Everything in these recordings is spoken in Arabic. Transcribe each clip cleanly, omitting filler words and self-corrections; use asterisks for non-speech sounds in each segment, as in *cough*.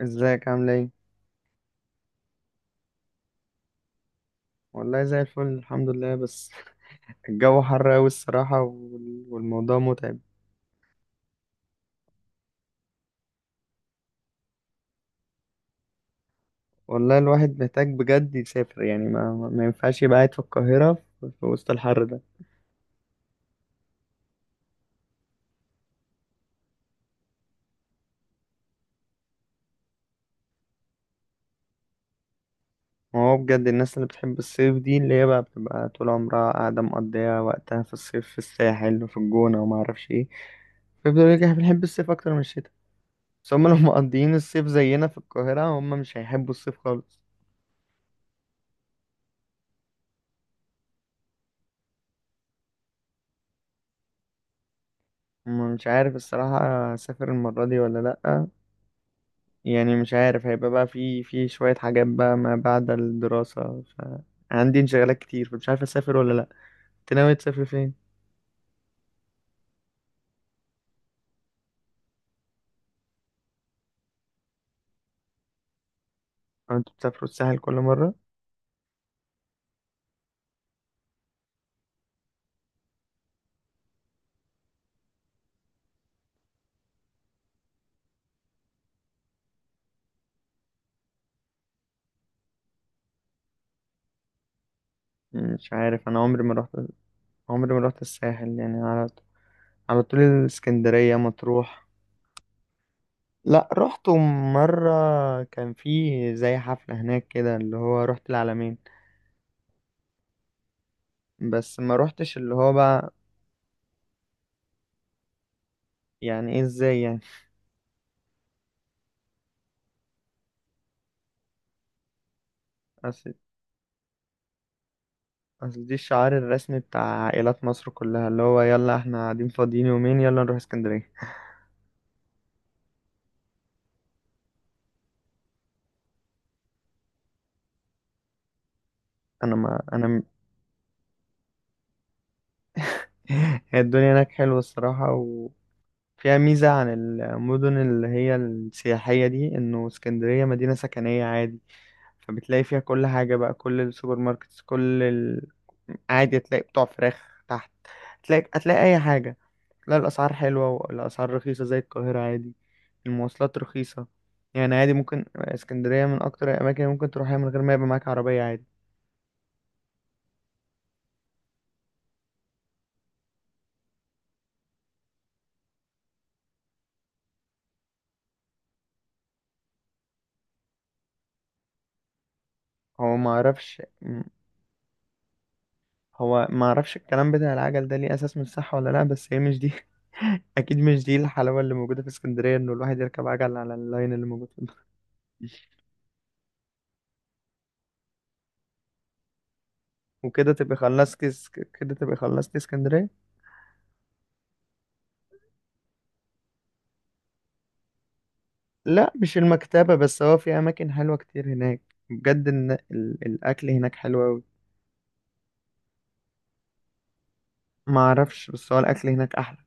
ازيك؟ عامل ايه؟ والله زي الفل الحمد لله، بس *laughs* الجو حر قوي الصراحة والموضوع متعب. والله الواحد محتاج بجد يسافر، يعني ما ينفعش يبقى قاعد في القاهرة في وسط الحر ده. ما هو بجد الناس اللي بتحب الصيف دي اللي هي بقى بتبقى طول عمرها قاعدة مقضية وقتها في الصيف في الساحل وفي الجونة وما اعرفش ايه، فيفضلوا يقولوا لك احنا بنحب الصيف اكتر من الشتاء. بس هم لو *laughs* مقضيين الصيف زينا في القاهرة هم مش هيحبوا الصيف خالص. مش عارف الصراحة، أسافر المرة دي ولا لأ. يعني مش عارف، هيبقى بقى في شوية حاجات بقى ما بعد الدراسة، فعندي انشغالات كتير، فمش عارف أسافر ولا لأ. أنت ناوي تسافر فين؟ أو أنت بتسافروا الساحل كل مرة؟ مش عارف، أنا عمري ما رحت، عمري ما رحت الساحل، يعني على على طول الإسكندرية مطروح. لأ رحت مرة، كان في زي حفلة هناك كده اللي هو رحت العلمين، بس ما رحتش اللي هو بقى. يعني إيه إزاي يعني؟ *laughs* اصل دي الشعار الرسمي بتاع عائلات مصر كلها، اللي هو يلا احنا قاعدين فاضيين يومين يلا نروح اسكندرية. انا ما انا م- *laughs* هي الدنيا هناك حلوة الصراحة، وفيها ميزة عن المدن اللي هي السياحية دي، انه اسكندرية مدينة سكنية عادي، فبتلاقي فيها كل حاجة بقى، كل السوبر ماركتس، كل ال... عادي هتلاقي بتوع فراخ تحت، هتلاقي اي حاجة. لا الأسعار حلوة، والأسعار رخيصة زي القاهرة عادي، المواصلات رخيصة، يعني عادي ممكن اسكندرية من أكتر الأماكن اللي ممكن تروحها من غير ما يبقى معاك عربية عادي. هو ما أعرفش م- هو ما أعرفش الكلام بتاع العجل ده ليه أساس من الصحة ولا لأ، بس هي مش دي. *laughs* أكيد مش دي الحلاوة اللي موجودة في اسكندرية، إنه الواحد يركب عجل على اللاين اللي موجود في *laughs* وكده تبقى خلصت اس- كده تبقى خلصت اسكندرية. لا مش المكتبة بس، هو في أماكن حلوة كتير هناك، بجد الأكل هناك حلو أوي. ما اعرفش، بس هو الاكل هناك احلى.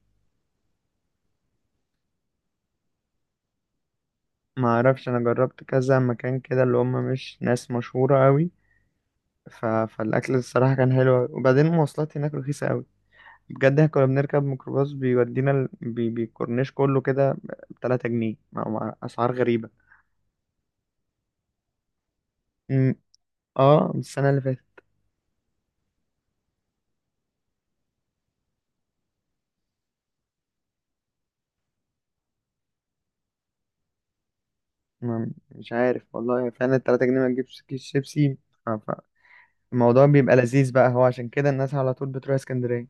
ما اعرفش، انا جربت كذا مكان كده اللي هم مش ناس مشهوره قوي، فالاكل الصراحه كان حلو أوي. وبعدين المواصلات هناك رخيصه قوي، بجد احنا كنا بنركب ميكروباص بيودينا بيكورنيش كله كده ب 3 جنيه، مع اسعار غريبه. أمم، اه من السنه اللي فاتت. ما... مش عارف والله، فعلا 3 جنيه ما تجيبش كيس شيبسي. ف... فالموضوع بيبقى لذيذ بقى، هو عشان كده الناس على طول بتروح اسكندريه.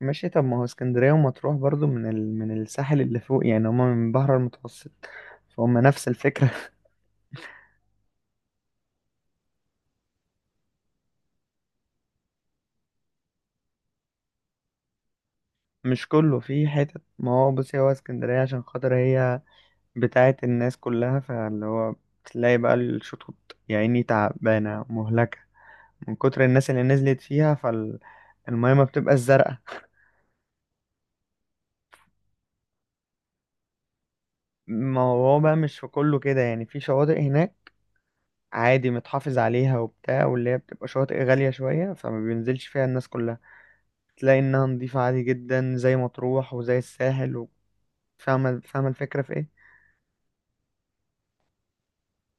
ماشي، طب ما هو اسكندرية ومطروح برضو من من الساحل اللي فوق، يعني هما من البحر المتوسط، فهم نفس الفكرة. *laughs* مش كله في حتت، ما هو بصي، هو اسكندرية عشان خاطر هي بتاعة الناس كلها، فاللي هو بتلاقي بقى الشطوط يا عيني تعبانة مهلكة من كتر الناس اللي نزلت فيها، فالمية ما بتبقى الزرقاء. *laughs* ما هو بقى مش في كله كده، يعني في شواطئ هناك عادي متحافظ عليها وبتاع، واللي هي بتبقى شواطئ غالية شوية فما بينزلش فيها الناس كلها، تلاقي انها نضيفة عادي جدا زي مطروح وزي الساحل فاهمة الفكرة في ايه.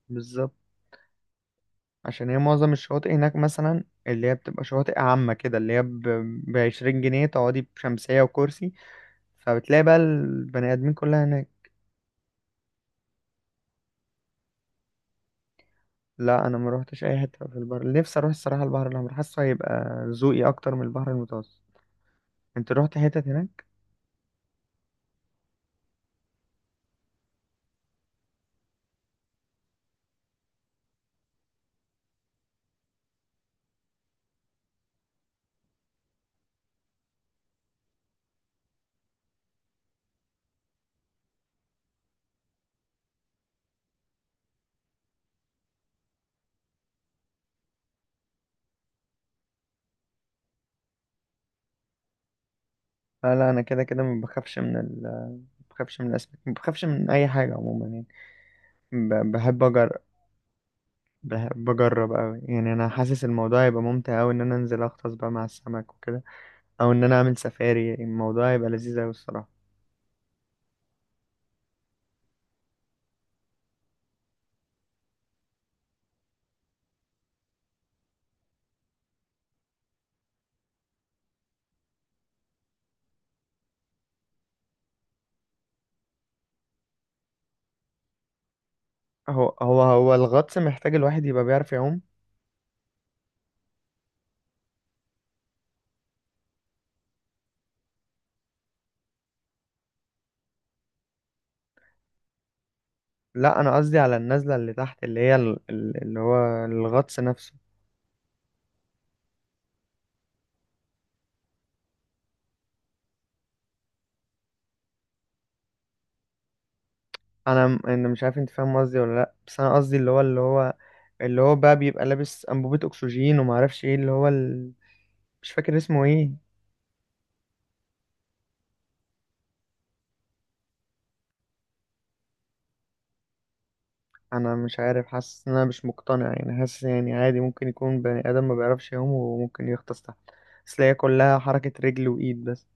بالظبط، عشان هي معظم الشواطئ هناك مثلا اللي هي بتبقى شواطئ عامة كده اللي هي ب 20 جنيه تقعدي بشمسية وكرسي، فبتلاقي بقى البني آدمين كلها هناك. لا أنا ما روحتش أي حتة في البحر، نفسي أروح الصراحة البحر الأحمر، حاسه هيبقى ذوقي أكتر من البحر المتوسط. أنت روحت حتت هناك؟ لا لا، أنا كده كده ما بخافش من ال ما بخافش من الأسماك، ما بخافش من أي حاجة عموما يعني، بحب أجرب، بحب اجرب قوي، يعني انا حاسس الموضوع هيبقى ممتع قوي ان انا انزل اغطس بقى مع السمك وكده، او ان انا اعمل سفاري الموضوع هيبقى لذيذ قوي الصراحه. هو الغطس محتاج الواحد يبقى بيعرف يعوم. لا انا قصدي على النزله اللي تحت اللي هي اللي هو الغطس نفسه. انا مش عارف انت فاهم قصدي ولا لا، بس انا قصدي اللي هو اللي هو بقى بيبقى لابس انبوبه اكسجين، وما اعرفش ايه اللي هو ال... مش فاكر اسمه ايه. انا مش عارف، حاسس ان انا مش مقتنع يعني، حاسس يعني عادي ممكن يكون بني ادم ما بيعرفش يعوم وممكن يغطس تحت، بس هي كلها حركة رجل وايد بس.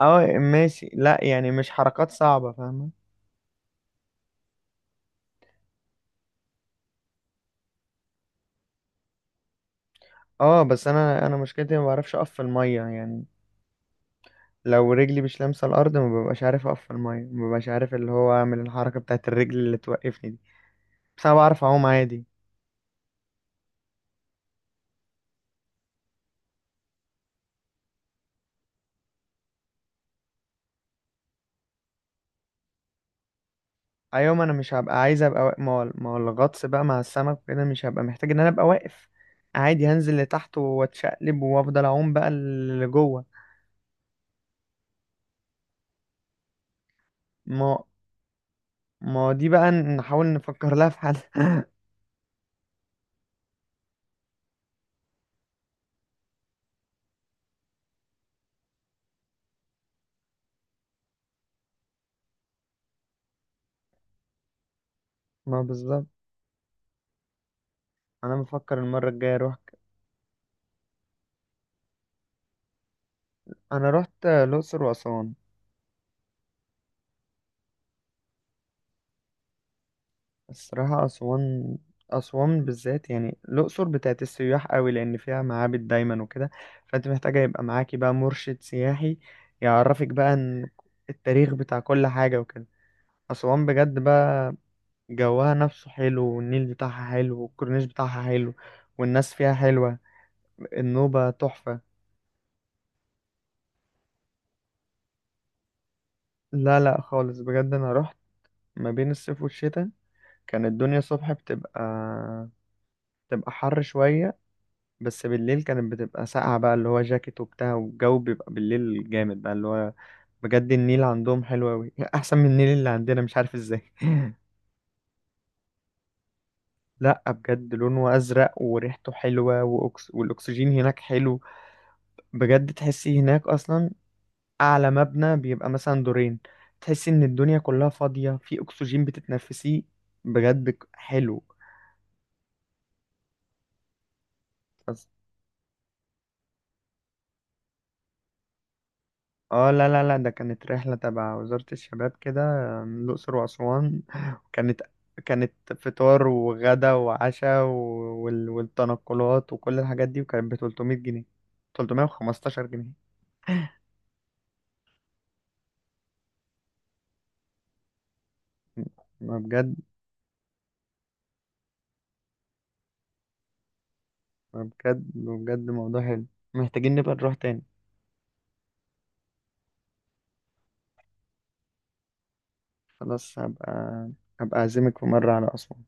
اه ماشي، لا يعني مش حركات صعبة، فاهمة. اه بس انا مشكلتي ما بعرفش اقف في المية يعني، لو رجلي مش لامسة الارض ما ببقاش عارف اقف في المية، ما ببقاش عارف اللي هو اعمل الحركة بتاعت الرجل اللي توقفني دي، بس انا بعرف اعوم عادي. ايوه، ما انا مش هبقى عايز ابقى واقف، ما هو الغطس بقى مع السمك وكده مش هبقى محتاج ان انا ابقى واقف، عادي هنزل لتحت واتشقلب وافضل اعوم بقى لجوه. ما ما دي بقى نحاول نفكر لها في حل. *laughs* ما بالظبط، انا بفكر المره الجايه اروح. انا رحت الاقصر واسوان. الصراحه اسوان، اسوان بالذات، يعني الاقصر بتاعت السياح قوي لان فيها معابد دايما وكده، فانت محتاجه يبقى معاكي بقى مرشد سياحي يعرفك بقى إن التاريخ بتاع كل حاجه وكده. أسوان بجد بقى، جوها نفسه حلو، والنيل بتاعها حلو، والكورنيش بتاعها حلو، والناس فيها حلوة، النوبة تحفة. لا لا خالص، بجد أنا رحت ما بين الصيف والشتاء، كانت الدنيا الصبح بتبقى بتبقى حر شوية، بس بالليل كانت بتبقى ساقعة بقى، اللي هو جاكيت وبتاع، والجو بيبقى بالليل جامد بقى اللي هو، بجد النيل عندهم حلو أوي. *laughs* أحسن من النيل اللي عندنا، مش عارف ازاي. *laughs* لا بجد لونه أزرق وريحته حلوة، والأكسجين هناك حلو، بجد تحسي هناك اصلا اعلى مبنى بيبقى مثلا دورين، تحسي ان الدنيا كلها فاضية في اكسجين بتتنفسيه. بجد حلو. بس اه، لا ده كانت رحلة تبع وزارة الشباب كده، الأقصر وأسوان *laughs* كانت كانت فطار وغدا وعشاء والتنقلات وكل الحاجات دي، وكانت ب 300 جنيه، 315 جنيه. ما بجد ما بجد موضوع حلو، محتاجين نبقى نروح تاني. خلاص، هبقى أعزمك في مرة على أسوان.